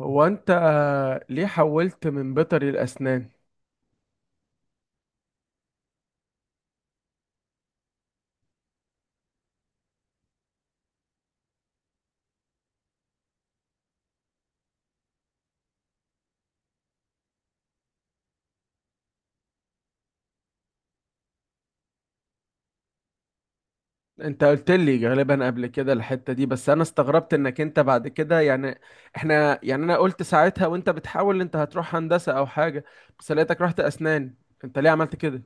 هو انت ليه حولت من بيطري لاسنان؟ انت قلت لي غالبا قبل كده الحتة دي، بس انا استغربت انك انت بعد كده. يعني احنا، يعني انا قلت ساعتها وانت بتحاول انت هتروح هندسة او حاجة، بس لقيتك رحت اسنان. انت ليه عملت كده؟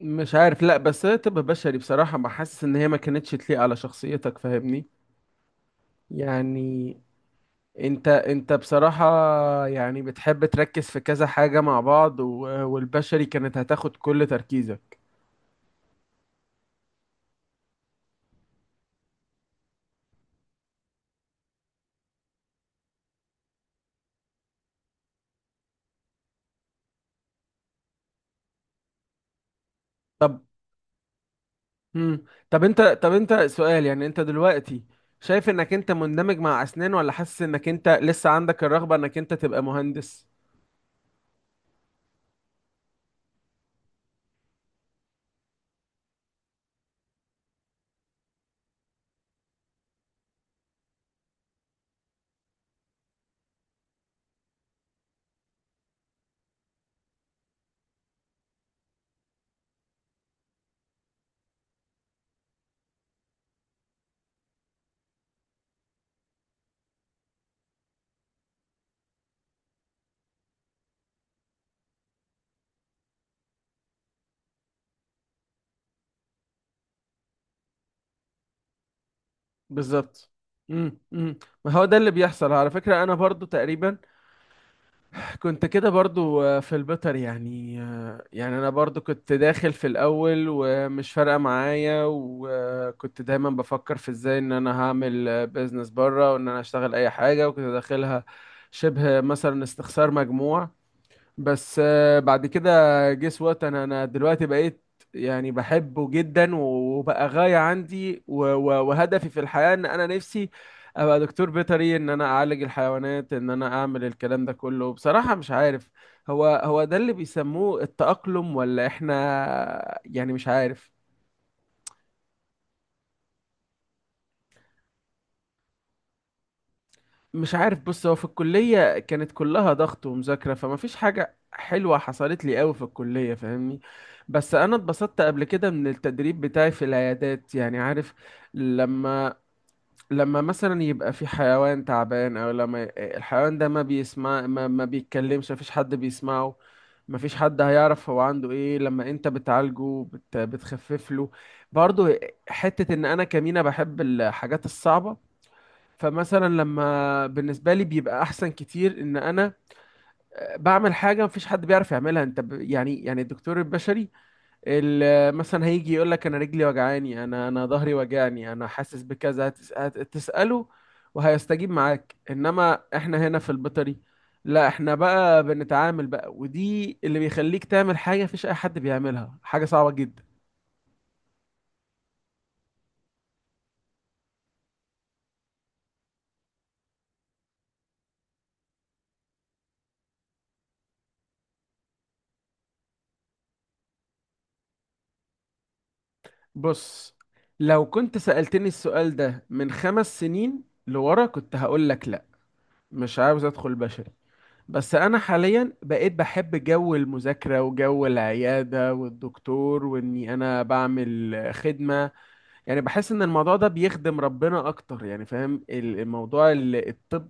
مش عارف، لا بس هي طب بشري بصراحة ما حاسس ان هي ما كانتش تليق على شخصيتك، فاهمني؟ يعني انت بصراحة، يعني بتحب تركز في كذا حاجة مع بعض، و- والبشري كانت هتاخد كل تركيزك. مم. طب انت، طب انت سؤال، يعني انت دلوقتي شايف انك انت مندمج مع اسنان، ولا حاسس انك انت لسه عندك الرغبة انك انت تبقى مهندس؟ بالظبط. امم امم ما هو ده اللي بيحصل على فكرة، انا برضو تقريبا كنت كده برضو، في البيطر، يعني يعني انا برضو كنت داخل في الاول ومش فارقة معايا، وكنت دايما بفكر في ازاي ان انا هعمل بيزنس بره وان انا اشتغل اي حاجة، وكنت داخلها شبه مثلا استخسار مجموع. بس بعد كده جيس وات انا دلوقتي بقيت يعني بحبه جدا، وبقى غاية عندي، و- و- وهدفي في الحياة ان انا نفسي ابقى دكتور بيطري، ان انا اعالج الحيوانات، ان انا اعمل الكلام ده كله. بصراحة مش عارف هو هو ده اللي بيسموه التأقلم ولا احنا، يعني مش عارف. مش عارف، بص، هو في الكلية كانت كلها ضغط ومذاكرة، فما فيش حاجة حلوة حصلت لي قوي في الكلية، فاهمني؟ بس انا اتبسطت قبل كده من التدريب بتاعي في العيادات، يعني عارف، لما، لما مثلا يبقى في حيوان تعبان، او لما الحيوان ده ما بيسمع، ما بيتكلمش، ما فيش حد بيسمعه، ما فيش حد هيعرف هو عنده ايه، لما انت بتعالجه بتخفف له. برضه حتة ان انا كمينة بحب الحاجات الصعبة، فمثلا لما بالنسبه لي بيبقى احسن كتير ان انا بعمل حاجه مفيش حد بيعرف يعملها. انت ب... يعني، يعني الدكتور البشري، ال- مثلا هيجي يقول لك انا رجلي وجعاني، انا ظهري وجعني، انا حاسس بكذا، هتساله وهيستجيب معاك. انما احنا هنا في البيطري لا، احنا بقى بنتعامل بقى، ودي اللي بيخليك تعمل حاجه مفيش اي حد بيعملها، حاجه صعبه جدا. بص، لو كنت سألتني السؤال ده من خمس سنين لورا كنت هقول لك لا، مش عاوز ادخل بشري. بس انا حاليا بقيت بحب جو المذاكره وجو العياده والدكتور، واني انا بعمل خدمه، يعني بحس ان الموضوع ده بيخدم ربنا اكتر، يعني فاهم ال- الموضوع ال- الطب.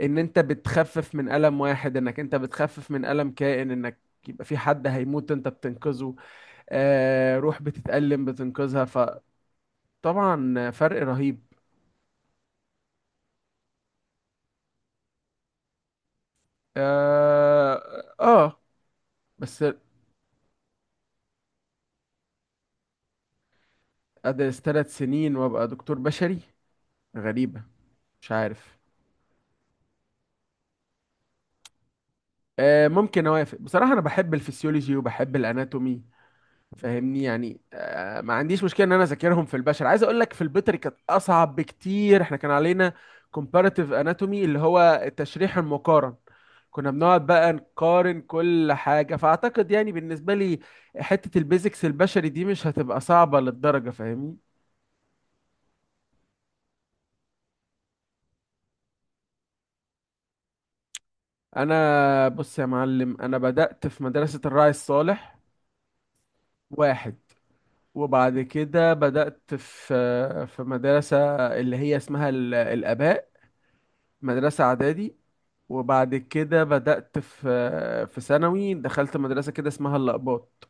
ان انت بتخفف من الم واحد، انك انت بتخفف من الم كائن، انك يبقى في حد هيموت انت بتنقذه، آه روح بتتألم بتنقذها، فطبعا فرق رهيب. اه, آه. بس أدرس ثلاث سنين وأبقى دكتور بشري؟ غريبة. مش عارف. آه ممكن أوافق، بصراحة أنا بحب الفسيولوجي وبحب الأناتومي، فاهمني؟ يعني آه ما عنديش مشكلة إن أنا أذاكرهم في البشر. عايز أقول لك في البيطري كانت أصعب بكتير، إحنا كان علينا comparative anatomy اللي هو التشريح المقارن، كنا بنقعد بقى نقارن كل حاجة. فأعتقد يعني بالنسبة لي حتة البيزكس البشري دي مش هتبقى صعبة للدرجة، فاهمني؟ أنا بص يا معلم، أنا بدأت في مدرسة الراعي الصالح واحد، وبعد كده بدأت في مدرسة اللي هي اسمها ال- الآباء، مدرسة إعدادي. وبعد كده بدأت في ثانوي، دخلت مدرسة كده اسمها الأقباط.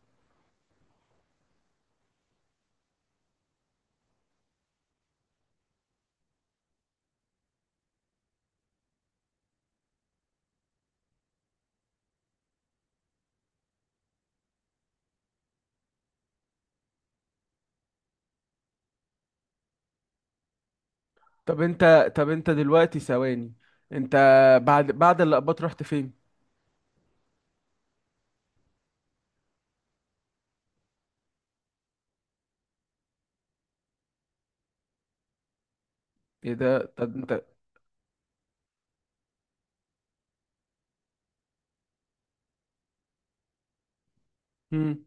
طب أنت، طب أنت دلوقتي ثواني، أنت بعد بعد الأقباط رحت فين؟ إيه ده، طب أنت؟ هم.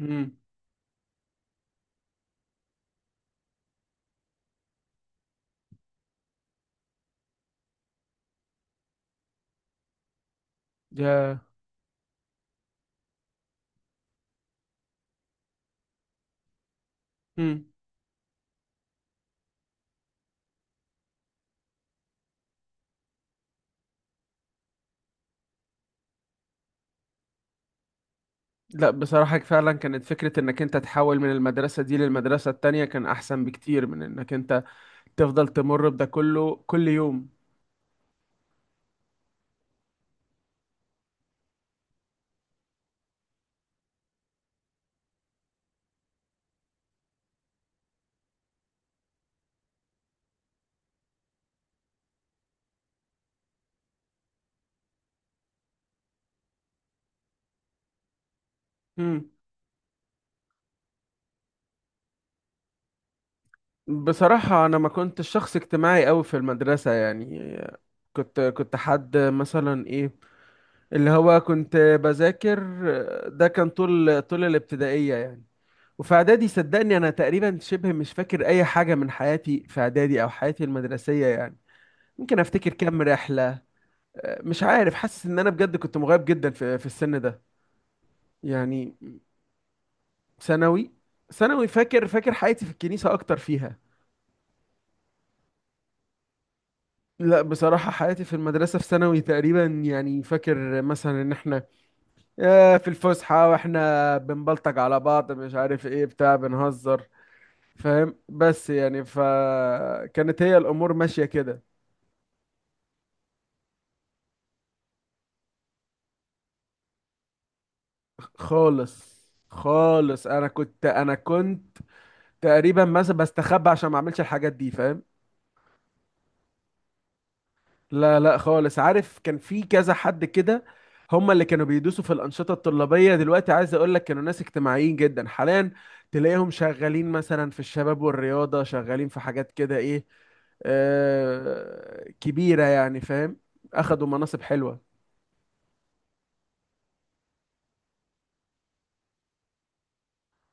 هم. يا هم. لا بصراحة فعلا كانت فكرة إنك أنت تحول من المدرسة دي للمدرسة التانية كان أحسن بكتير من إنك أنت تفضل تمر بده كله كل يوم. مم. بصراحة أنا ما كنتش شخص اجتماعي أوي في المدرسة، يعني كنت حد مثلا إيه، اللي هو كنت بذاكر. ده كان طول الابتدائية يعني. وفي إعدادي صدقني أنا تقريبا شبه مش فاكر أي حاجة من حياتي في إعدادي أو حياتي المدرسية، يعني ممكن أفتكر كام رحلة. مش عارف، حاسس إن أنا بجد كنت مغيب جدا في السن ده، يعني. ثانوي؟ ثانوي فاكر، فاكر حياتي في الكنيسة أكتر فيها. لا بصراحة حياتي في المدرسة في ثانوي، تقريبا يعني فاكر مثلا ان احنا في الفسحة واحنا بنبلطج على بعض مش عارف ايه بتاع، بنهزر فاهم؟ بس يعني فكانت هي الامور ماشية كده. خالص. خالص، انا كنت تقريبا مثلا بستخبى عشان ما اعملش الحاجات دي، فاهم؟ لا لا خالص، عارف كان في كذا حد كده، هم اللي كانوا بيدوسوا في الأنشطة الطلابية، دلوقتي عايز أقول لك كانوا ناس اجتماعيين جدا، حاليا تلاقيهم شغالين مثلا في الشباب والرياضة، شغالين في حاجات كده إيه، آه كبيرة يعني، فاهم؟ أخدوا مناصب حلوة.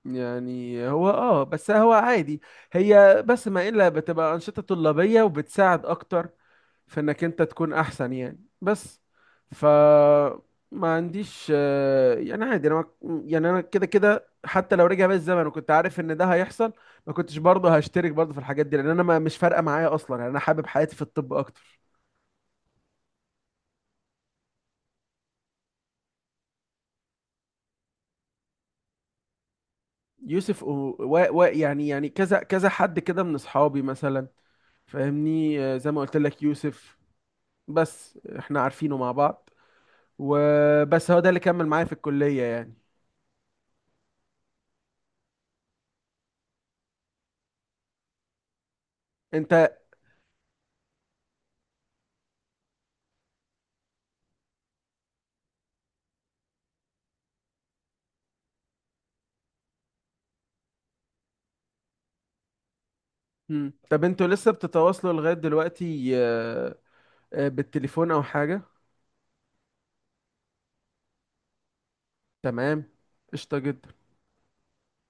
يعني هو اه، بس هو عادي، هي بس ما الا بتبقى انشطه طلابيه وبتساعد اكتر في انك انت تكون احسن يعني، بس ف، ما عنديش يعني عادي. انا ما- يعني انا كده كده حتى لو رجع بيا الزمن وكنت عارف ان ده هيحصل ما كنتش برضه هشترك برضه في الحاجات دي، لان انا ما مش فارقه معايا اصلا يعني، انا حابب حياتي في الطب اكتر. يوسف و... يعني يعني كذا حد كده من اصحابي مثلا، فاهمني؟ زي ما قلت لك يوسف، بس احنا عارفينه مع بعض، وبس هو ده اللي كمل معايا في الكلية يعني. انت. مم. طب انتوا لسه بتتواصلوا لغاية دلوقتي، بالتليفون او حاجة؟ تمام، قشطة جدا.